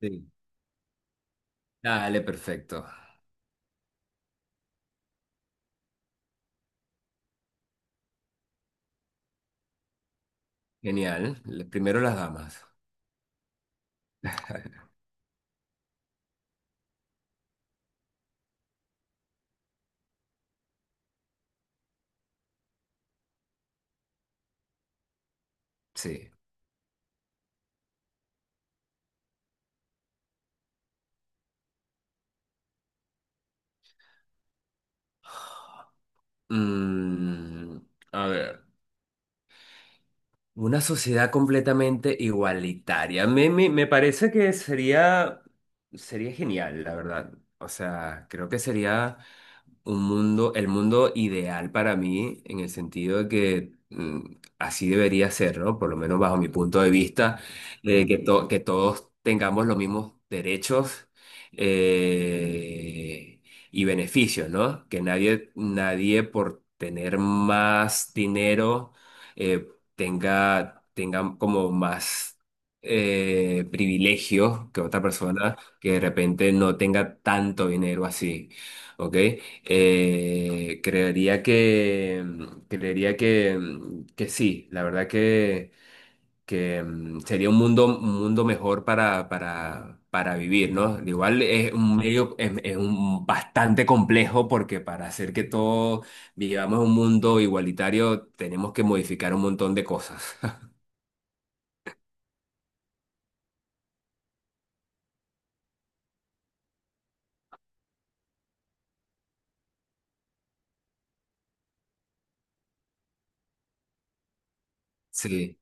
Sí. Dale, perfecto. Genial. Primero las damas. Sí. Mm, a ver. Una sociedad completamente igualitaria. Me parece que sería genial, la verdad. O sea, creo que sería un mundo, el mundo ideal para mí, en el sentido de que así debería ser, ¿no? Por lo menos bajo mi punto de vista, que, que todos tengamos los mismos derechos eh, y beneficios, ¿no? Que nadie por tener más dinero eh, tenga como más privilegios que otra persona que de repente no tenga tanto dinero así. ¿Ok? Eh, creería que, creería que, que sí, la verdad que sería un un mundo mejor para vivir, ¿no? Igual es un medio, es un bastante complejo porque para hacer que todos vivamos un mundo igualitario tenemos que modificar un montón de cosas. Sí,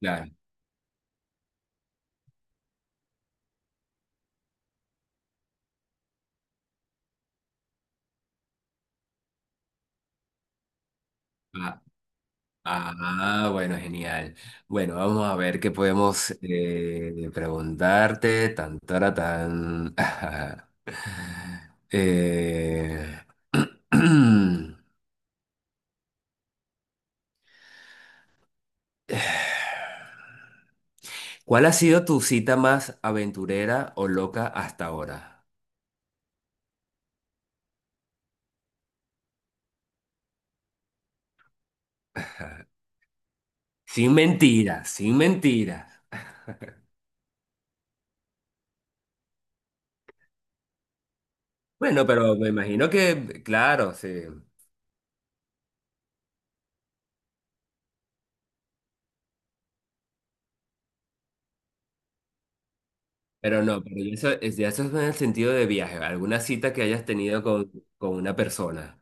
claro. Ah, Ah, bueno, genial. Bueno, vamos a ver qué podemos preguntarte. Tan, tara, tan. Eh, ¿Cuál ha sido tu cita más aventurera o loca hasta ahora? Sin mentiras, sin mentiras. Bueno, pero me imagino que, claro, sí. Pero no, pero eso, ya eso es en el sentido de viaje. ¿Alguna cita que hayas tenido con una persona?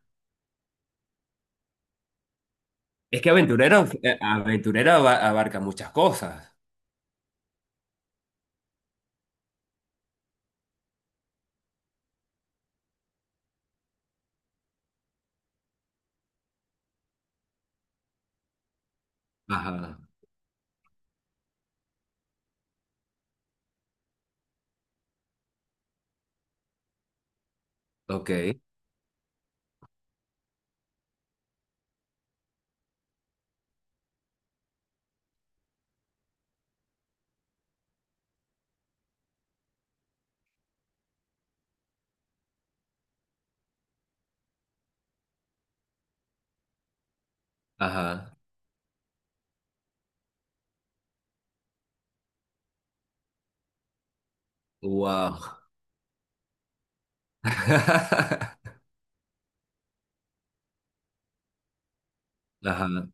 Es que aventurero, aventurero abarca muchas cosas. Ajá, ok, ajá, wow. Ajá.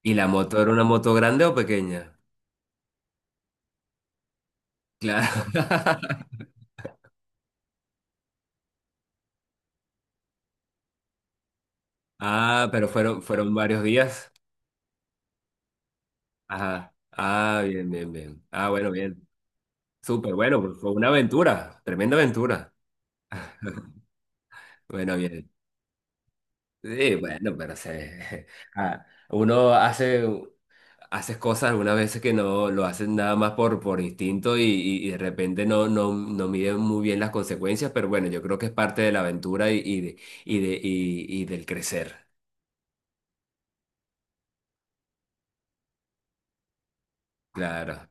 ¿Y la moto era una moto grande o pequeña? Claro. Ah, pero fueron varios días. Ajá. Ah, bien, bien, bien. Ah, bueno, bien. Súper, bueno, pues fue una aventura, tremenda aventura. Bueno, bien. Sí, bueno, pero se, ah, uno hace. Haces cosas algunas veces que no lo haces nada más por instinto y, y de repente no, no miden muy bien las consecuencias, pero bueno, yo creo que es parte de la aventura y del crecer, claro.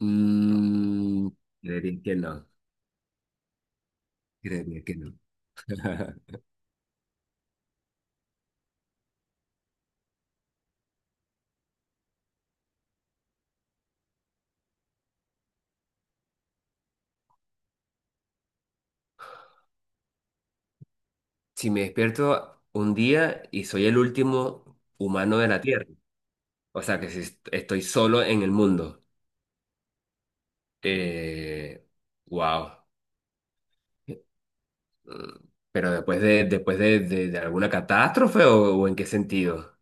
Mm, Creería que no, creería que no. Si me despierto un día y soy el último humano de la Tierra, o sea que si estoy solo en el mundo, eh, wow. Pero después después de, de alguna catástrofe o, ¿o en qué sentido?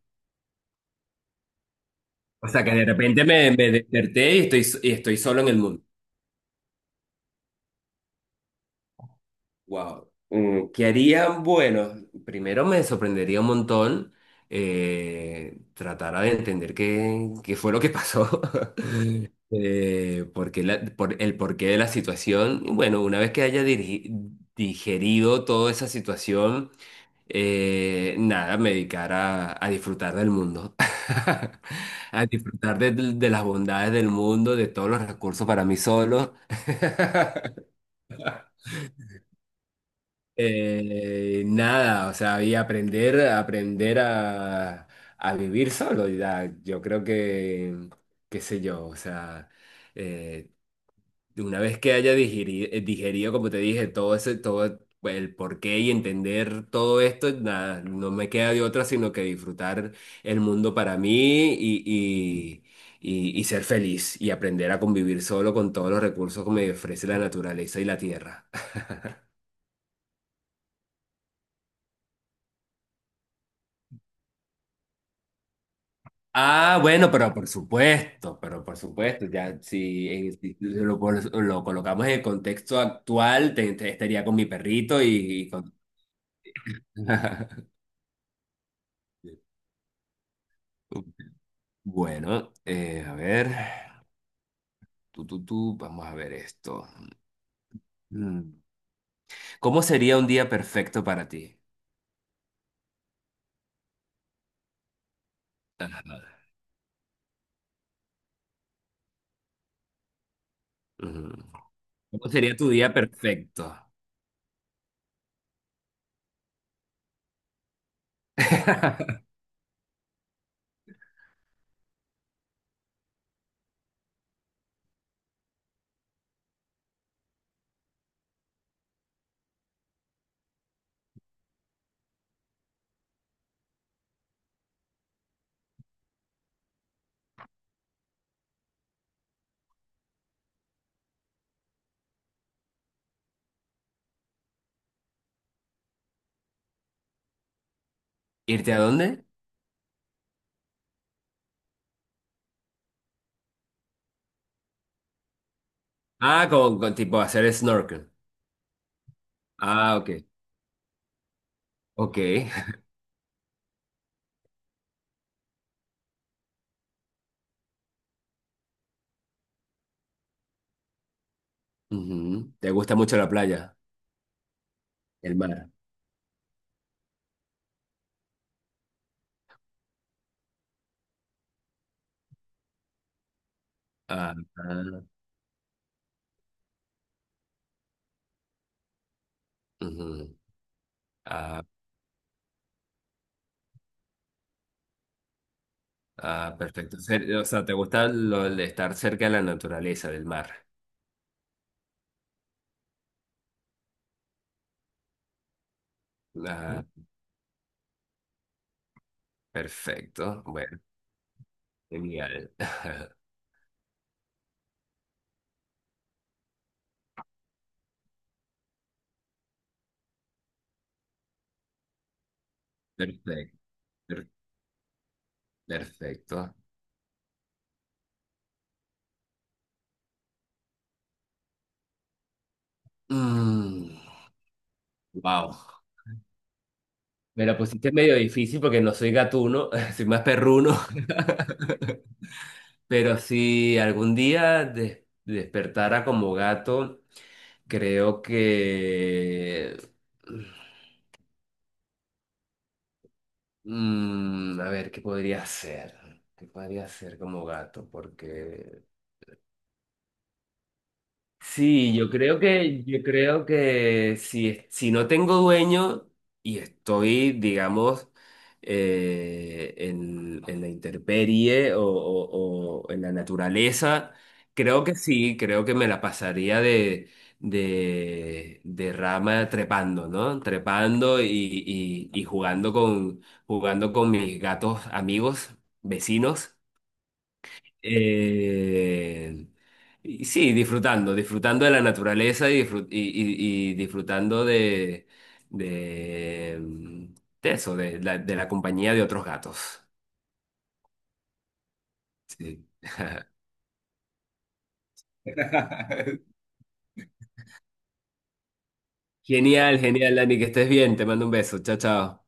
O sea, que de repente me desperté y y estoy solo en el mundo. Wow. ¿Qué harían? Bueno, primero me sorprendería un montón, tratar de entender qué fue lo que pasó, por el porqué de la situación. Y bueno, una vez que haya digerido toda esa situación, nada, me dedicar a disfrutar del mundo, a disfrutar de las bondades del mundo, de todos los recursos para mí solo. Nada, o sea, y aprender a vivir solo. Ya, yo creo que, qué sé yo, o sea, eh, una vez que haya digerido, como te dije, todo ese, todo el porqué y entender todo esto, nada, no me queda de otra sino que disfrutar el mundo para mí y ser feliz y aprender a convivir solo con todos los recursos que me ofrece la naturaleza y la tierra. Ah, bueno, pero por supuesto, ya si, si lo, lo colocamos en el contexto actual, estaría con mi perrito y con... Bueno, a ver, tú, vamos a ver esto. Mm. ¿Cómo sería un día perfecto para ti? Ajá. Mm. ¿Cómo sería tu día perfecto? ¿Irte a dónde? Ah, con tipo hacer snorkel. Ah, ok. Ok. Ujú. ¿Te gusta mucho la playa? El mar. Ah, ah, ujú. Ah, ah, perfecto. O sea, ¿te gusta lo de estar cerca de la naturaleza, del mar? Ah, perfecto. Bueno, genial. Perfecto. per- Perfecto. Wow. Me la pusiste medio difícil porque no soy gatuno, soy más perruno. Pero si algún día despertara como gato, creo que... A ver, ¿qué podría ser? ¿Qué podría ser como gato? Porque sí, yo creo que si, si no tengo dueño y estoy, digamos, en la intemperie o, o en la naturaleza, creo que sí, creo que me la pasaría de rama trepando, ¿no? Trepando y jugando con mis gatos amigos, vecinos. Eh, y sí, disfrutando de la naturaleza y, y disfrutando de, mm, de eso, de la compañía de otros gatos. Sí. Genial, genial, Dani, que estés bien. Te mando un beso. Chao, chao.